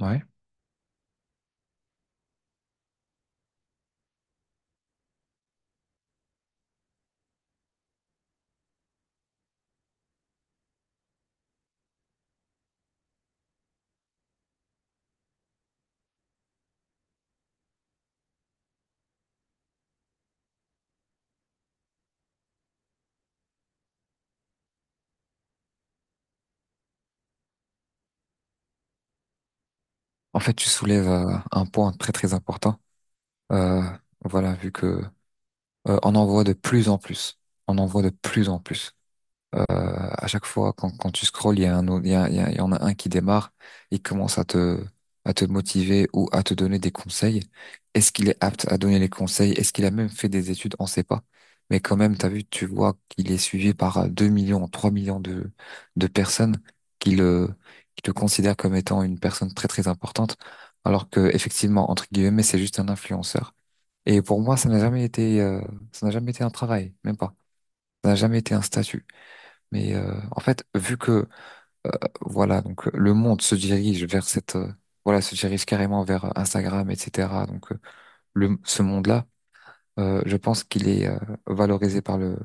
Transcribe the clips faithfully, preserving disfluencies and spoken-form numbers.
Ouais. En fait, tu soulèves euh, un point très très important. Euh, voilà, vu que euh, on en voit de plus en plus. On en voit de plus en plus. À chaque fois, quand, quand tu scrolles, il y a un, autre- il y a, il y a- il y en a un qui démarre, il commence à te, à te motiver ou à te donner des conseils. Est-ce qu'il est apte à donner les conseils? Est-ce qu'il a même fait des études? On sait pas. Mais quand même, t'as vu, tu vois qu'il est suivi par euh, deux millions, trois millions de, de personnes qui le, qui le considèrent comme étant une personne très, très importante. Alors que, effectivement, entre guillemets, c'est juste un influenceur. Et pour moi, ça n'a jamais été, euh, ça n'a jamais été un travail, même pas. Ça n'a jamais été un statut. Mais euh, en fait, vu que voilà, donc le monde se dirige vers cette euh, voilà, se dirige carrément vers euh, Instagram, et cetera. Donc euh, le ce monde-là, euh, je pense qu'il est euh, valorisé par le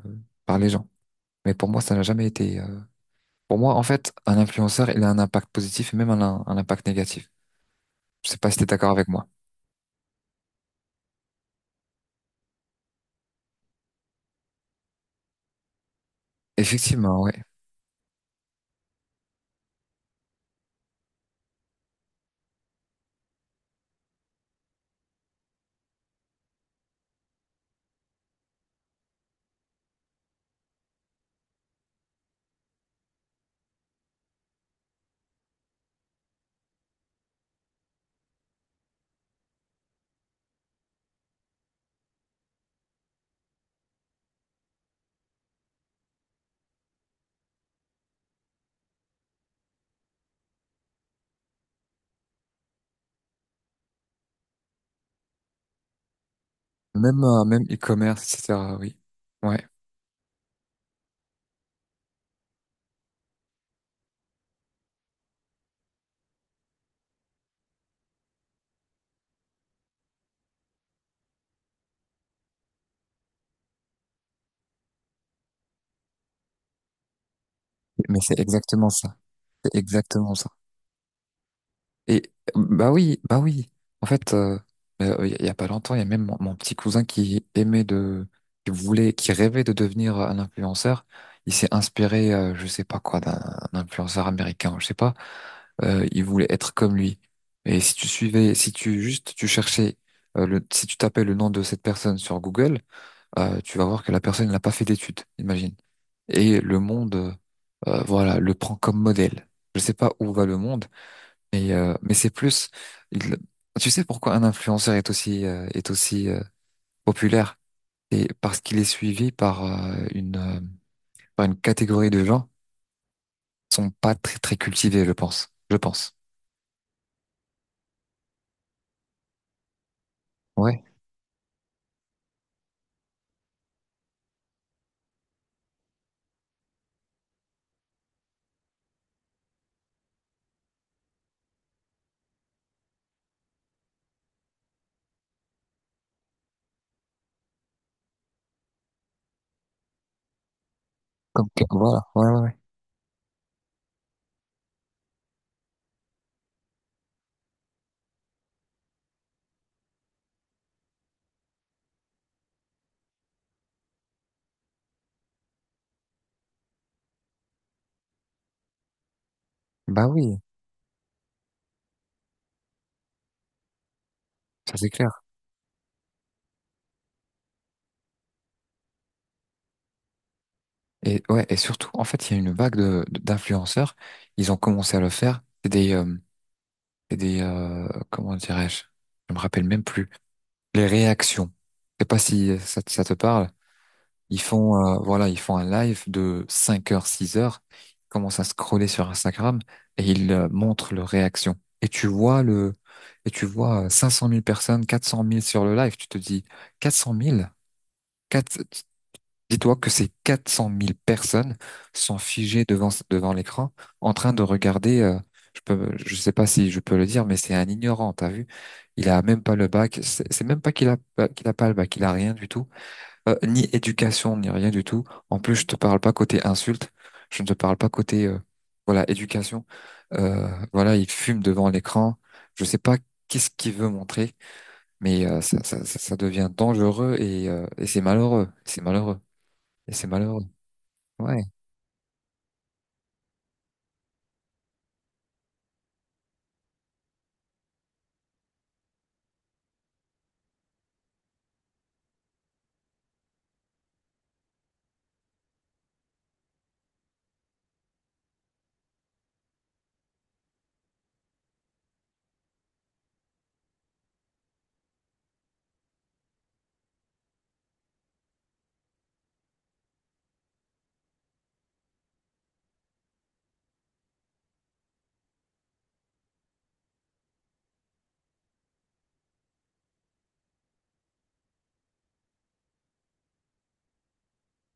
par les gens. Mais pour moi, ça n'a jamais été. euh, Pour moi, en fait, un influenceur, il a un impact positif et même un, un impact négatif. Je sais pas si t'es d'accord avec moi. Effectivement, ouais. Même euh, même e-commerce, et cetera. Oui. Ouais. Mais c'est exactement ça. C'est exactement ça. Et bah oui, bah oui. En fait, euh, euh, il y a pas longtemps, il y a même mon, mon petit cousin qui aimait de, qui voulait, qui rêvait de devenir un influenceur. Il s'est inspiré, euh, je sais pas quoi, d'un d'un influenceur américain, je sais pas. Euh, il voulait être comme lui. Et si tu suivais, si tu juste tu cherchais, euh, le, si tu tapais le nom de cette personne sur Google, euh, tu vas voir que la personne n'a pas fait d'études, imagine. Et le monde, euh, voilà, le prend comme modèle. Je sais pas où va le monde. Mais, euh, mais c'est plus, il- tu sais pourquoi un influenceur est aussi, euh, est aussi euh, populaire? C'est parce qu'il est suivi par euh, une, euh, par une catégorie de gens qui sont pas très, très cultivés, je pense. Je pense. Ouais. Comme que- voilà. Ouais, ouais, ouais. Bah oui, ça c'est clair. Et ouais, et surtout, en fait, il y a une vague de, de- d'influenceurs. Ils ont commencé à le faire. C'est des, euh, c'est des, euh, comment dirais-je? Je me rappelle même plus. Les réactions. Je sais pas si euh, ça, te- ça te parle. Ils font, euh, voilà, ils font un live de cinq heures, six heures, ils commencent à scroller sur Instagram et ils euh, montrent leur réaction. Et tu vois le, et tu vois euh, cinq cent mille personnes, quatre cent mille sur le live, tu te dis quatre cent mille. Quatre- dis-toi que ces quatre cent mille personnes sont figées devant, devant l'écran en train de regarder, euh, je peux, je sais pas si je peux le dire, mais c'est un ignorant, t'as vu? Il a même pas le bac, c'est c'est même pas qu'il a, qu'il a pas le bac, il a rien du tout. Euh, ni éducation, ni rien du tout. En plus, je te parle pas côté insulte. Je ne te parle pas côté, euh, voilà, éducation. Euh, voilà, il fume devant l'écran. Je sais pas qu'est-ce qu'il veut montrer, mais euh, ça, ça, ça, ça devient dangereux et, euh, et c'est malheureux. C'est malheureux. Et c'est malheureux. Ouais,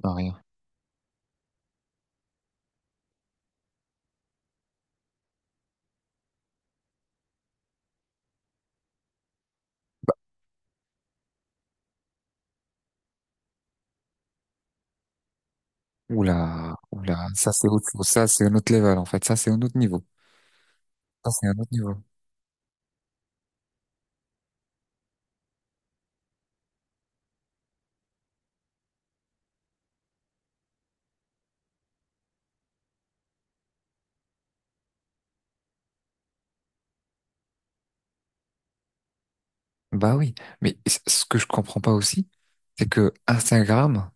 non, rien. Oula, oula, ça c'est autre chose. Ça c'est un autre level en fait. Ça c'est un autre niveau. Ça c'est un autre niveau. Bah oui, mais c- ce que je comprends pas aussi, c'est que Instagram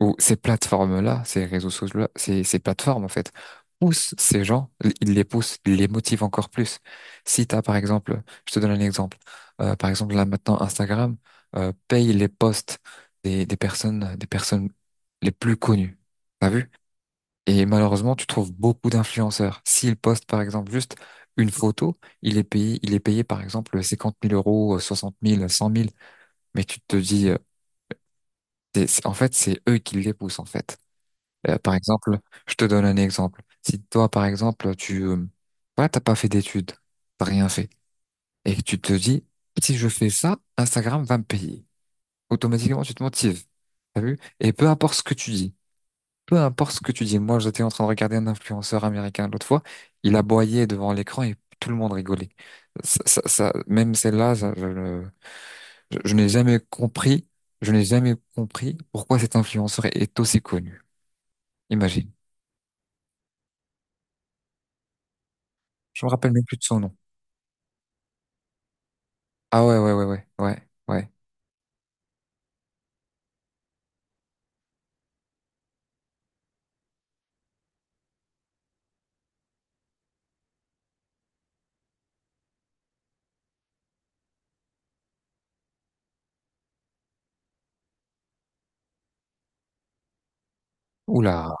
où ces plateformes-là, ces réseaux sociaux-là, ces, ces plateformes, en fait, poussent ces gens, ils les poussent, ils les motivent encore plus. Si t'as, par exemple, je te donne un exemple, euh, par exemple, là maintenant, Instagram, euh, paye les posts des, des personnes, des personnes les plus connues. T'as vu? Et malheureusement, tu trouves beaucoup d'influenceurs. S'ils postent, par exemple, juste une photo, il est payé, il est payé, par exemple, cinquante mille euros, soixante mille, cent mille. Mais tu te dis, euh, c'est- c'est- en fait, c'est eux qui les poussent, en fait. Euh, par exemple, je te donne un exemple. Si toi, par exemple, tu, euh, voilà, t'as pas fait d'études, t'as rien fait, et que tu te dis, si je fais ça, Instagram va me payer. Automatiquement, tu te motives. T'as vu? Et peu importe ce que tu dis, peu importe ce que tu dis. Moi, j'étais en train de regarder un influenceur américain l'autre fois, il aboyait devant l'écran et tout le monde rigolait. Ça, ça, ça- même celle-là, ça, je, le- je- je n'ai jamais compris, je n'ai jamais compris pourquoi cet influenceur est aussi connu. Imagine. Je me rappelle même plus de son nom. Ah ouais, ouais, ouais, ouais, ouais, ouais. Oula,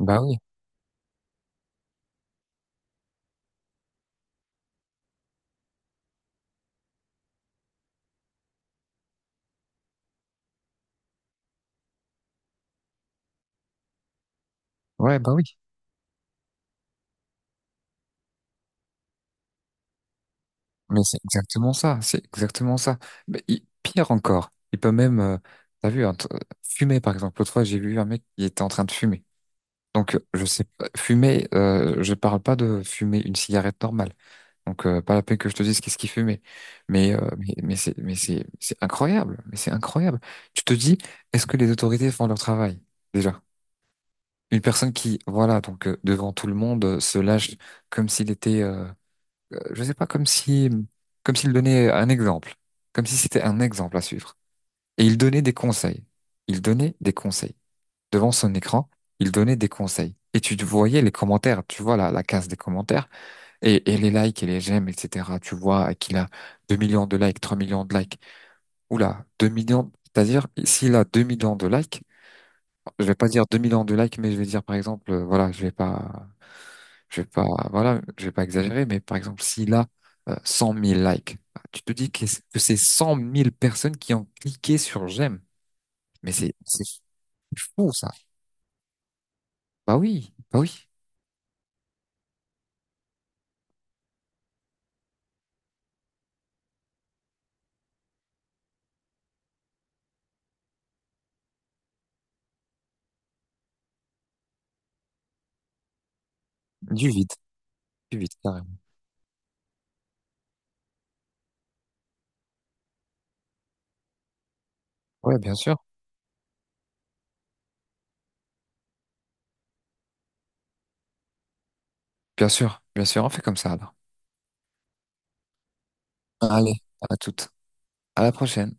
bah oui, ouais, bah oui. Mais c'est exactement ça, c'est exactement ça. Mais il- pire encore, il peut même, euh, t'as vu, hein, t- euh, fumer par exemple. L'autre fois, j'ai vu un mec qui était en train de fumer. Donc, euh, je sais pas, fumer, euh, je parle pas de fumer une cigarette normale. Donc, euh, pas la peine que je te dise qu'est-ce qu'il fumait. Mais, euh, mais, mais c'est, mais c'est, c'est incroyable, mais c'est incroyable. Tu te dis, est-ce que les autorités font leur travail, déjà? Une personne qui, voilà, donc euh, devant tout le monde, euh, se lâche comme s'il était, euh, euh, je sais pas, comme si, comme s'il donnait un exemple, comme si c'était un exemple à suivre. Et il donnait des conseils. Il donnait des conseils. Devant son écran, il donnait des conseils. Et tu voyais les commentaires, tu vois la, la case des commentaires, et, et les likes et les j'aime, et cetera. Tu vois qu'il a deux millions de likes, trois millions de likes. Oula, deux millions, c'est-à-dire, s'il a deux millions de likes, je vais pas dire deux millions de likes, mais je vais dire, par exemple, euh, voilà, je vais pas Je vais pas, voilà, je vais pas exagérer, mais par exemple, s'il a euh, cent mille likes, bah, tu te dis que c'est que c'est cent mille personnes qui ont cliqué sur j'aime. Mais c'est, c'est fou, ça. Bah oui, bah oui, du vide, du vide, carrément. Ouais, bien sûr, bien sûr, bien sûr, on fait comme ça, alors. Allez, à toute, à la prochaine.